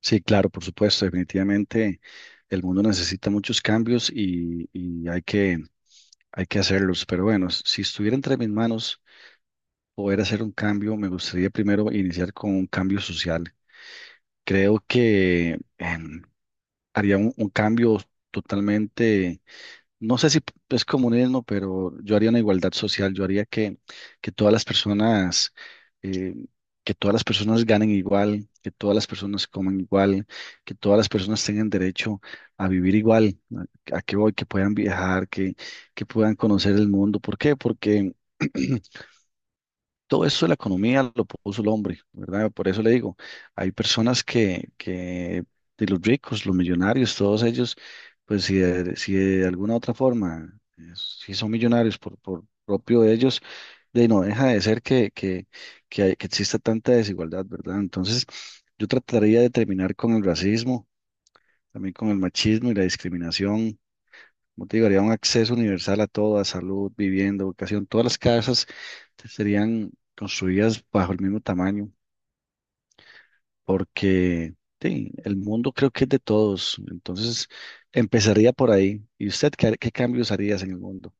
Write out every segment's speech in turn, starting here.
Sí, claro, por supuesto, definitivamente el mundo necesita muchos cambios y hay que hacerlos. Pero bueno, si estuviera entre mis manos poder hacer un cambio, me gustaría primero iniciar con un cambio social. Creo que haría un cambio totalmente. No sé si es comunismo, pero yo haría una igualdad social. Yo haría que todas las personas, eh, que todas las personas ganen igual, que todas las personas coman igual, que todas las personas tengan derecho a vivir igual, a que hoy que puedan viajar, que puedan conocer el mundo. ¿Por qué? Porque todo eso de la economía lo puso el hombre, ¿verdad? Por eso le digo, hay personas que de los ricos, los millonarios, todos ellos, pues si de alguna otra forma, si son millonarios por propio de ellos, de no deja de ser que que exista tanta desigualdad, ¿verdad? Entonces, yo trataría de terminar con el racismo, también con el machismo y la discriminación. Como te digo, haría un acceso universal a todo, a salud, vivienda, educación. Todas las casas serían construidas bajo el mismo tamaño, porque sí, el mundo creo que es de todos. Entonces, empezaría por ahí. ¿Y usted qué, qué cambios harías en el mundo?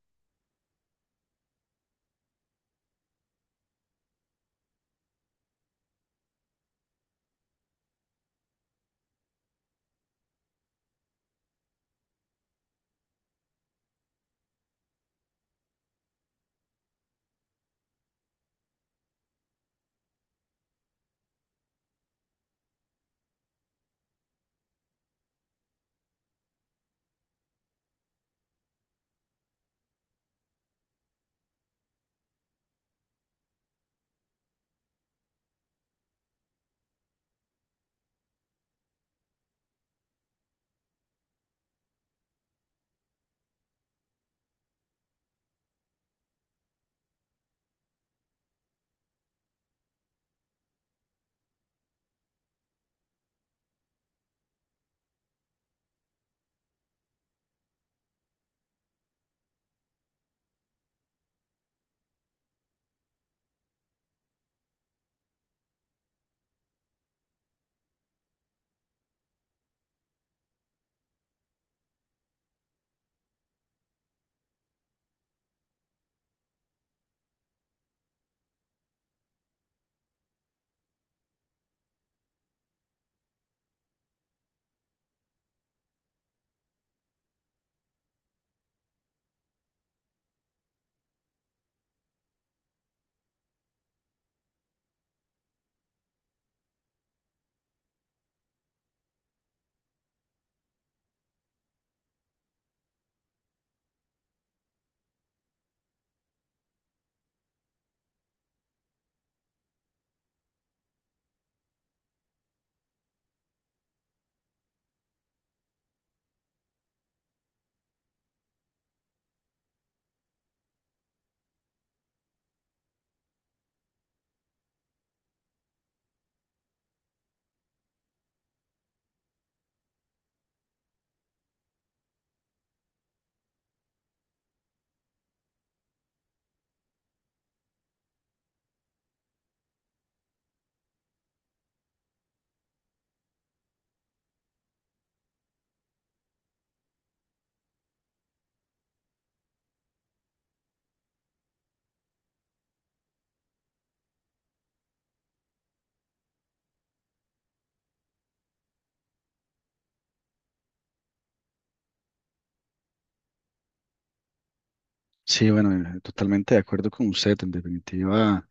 Sí, bueno, totalmente de acuerdo con usted. En definitiva,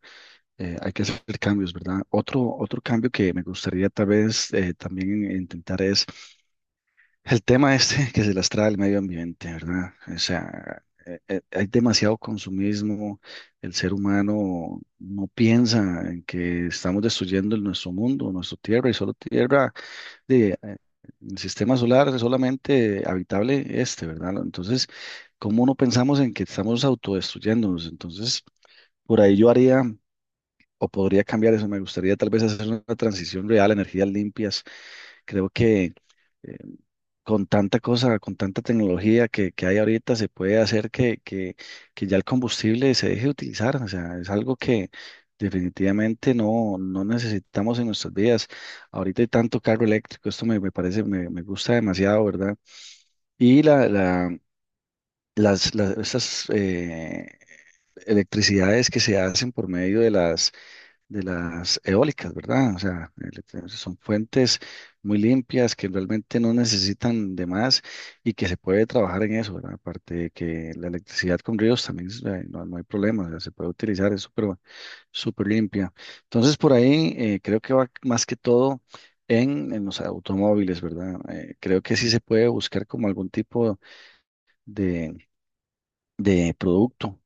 hay que hacer cambios, ¿verdad? Otro cambio que me gustaría tal vez también intentar es el tema este que se las trae el medio ambiente, ¿verdad? O sea, hay demasiado consumismo, el ser humano no piensa en que estamos destruyendo nuestro mundo, nuestra tierra, y solo tierra de, eh, el sistema solar es solamente habitable este, ¿verdad? Entonces, ¿cómo no pensamos en que estamos autodestruyéndonos? Entonces, por ahí yo haría... O podría cambiar eso. Me gustaría tal vez hacer una transición real, energías limpias. Creo que eh, con tanta cosa, con tanta tecnología que hay ahorita, se puede hacer que ya el combustible se deje de utilizar. O sea, es algo que definitivamente no necesitamos en nuestras vidas. Ahorita hay tanto carro eléctrico, esto me parece, me gusta demasiado, ¿verdad? Y las estas electricidades que se hacen por medio de las eólicas, ¿verdad? O sea, son fuentes muy limpias que realmente no necesitan de más y que se puede trabajar en eso, ¿verdad? Aparte de que la electricidad con ríos también es, no hay problema, o sea, se puede utilizar, es súper súper limpia. Entonces, por ahí creo que va más que todo en los automóviles, ¿verdad? Creo que sí se puede buscar como algún tipo de producto.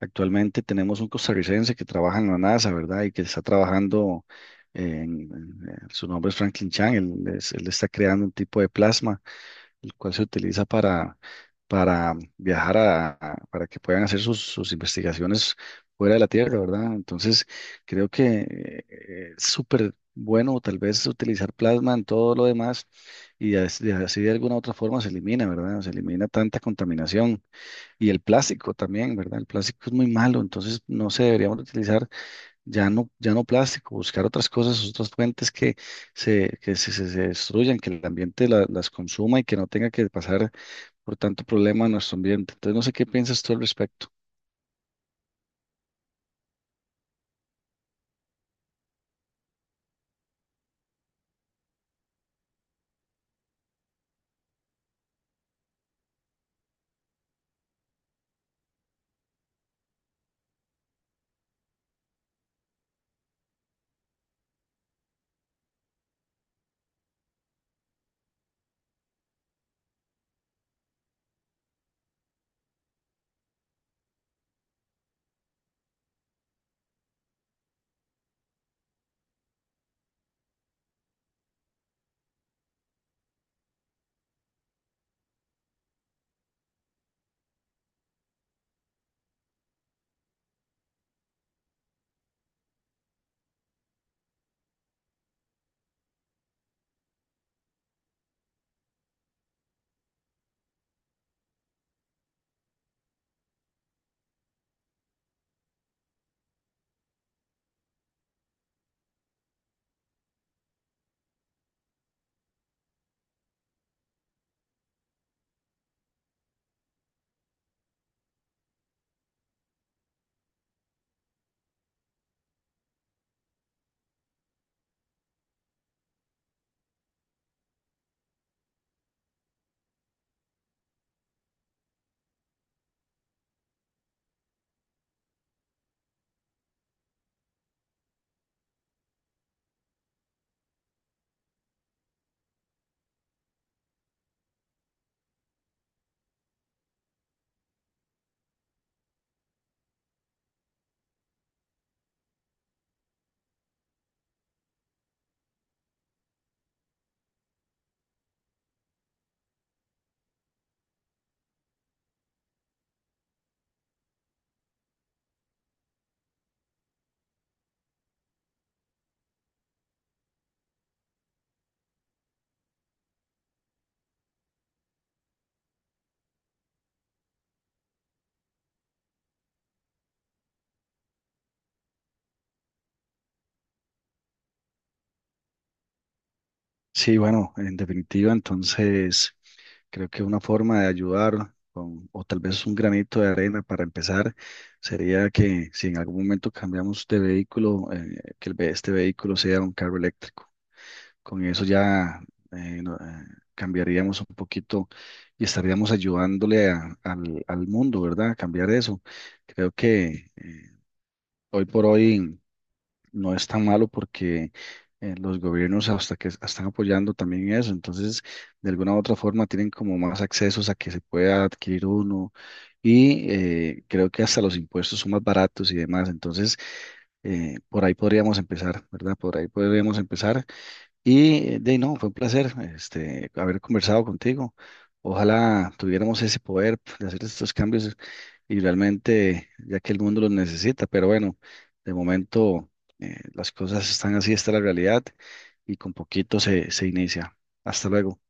Actualmente tenemos un costarricense que trabaja en la NASA, ¿verdad? Y que está trabajando, su nombre es Franklin Chang. Él, él está creando un tipo de plasma, el cual se utiliza para viajar para que puedan hacer sus investigaciones fuera de la Tierra, ¿verdad? Entonces, creo que es súper bueno tal vez utilizar plasma en todo lo demás y así de alguna otra forma se elimina, ¿verdad? Se elimina tanta contaminación. Y el plástico también, ¿verdad? El plástico es muy malo, entonces no se deberíamos de utilizar ya no, no plástico, buscar otras cosas, otras fuentes que se destruyan, que el ambiente las consuma y que no tenga que pasar por tanto problema a nuestro ambiente. Entonces no sé qué piensas tú al respecto. Sí, bueno, en definitiva, entonces creo que una forma de ayudar con, o tal vez un granito de arena para empezar, sería que si en algún momento cambiamos de vehículo, que el este vehículo sea un carro eléctrico. Con eso ya eh, no- eh, cambiaríamos un poquito y estaríamos ayudándole al mundo, ¿verdad? A cambiar eso. Creo que hoy por hoy no es tan malo porque los gobiernos hasta que están apoyando también eso. Entonces, de alguna u otra forma tienen como más accesos a que se pueda adquirir uno y creo que hasta los impuestos son más baratos y demás. Entonces, por ahí podríamos empezar, ¿verdad? Por ahí podríamos empezar y de ahí, no, fue un placer este, haber conversado contigo. Ojalá tuviéramos ese poder de hacer estos cambios y realmente, ya que el mundo los necesita, pero bueno, de momento las cosas están así, está la realidad y con poquito se inicia. Hasta luego.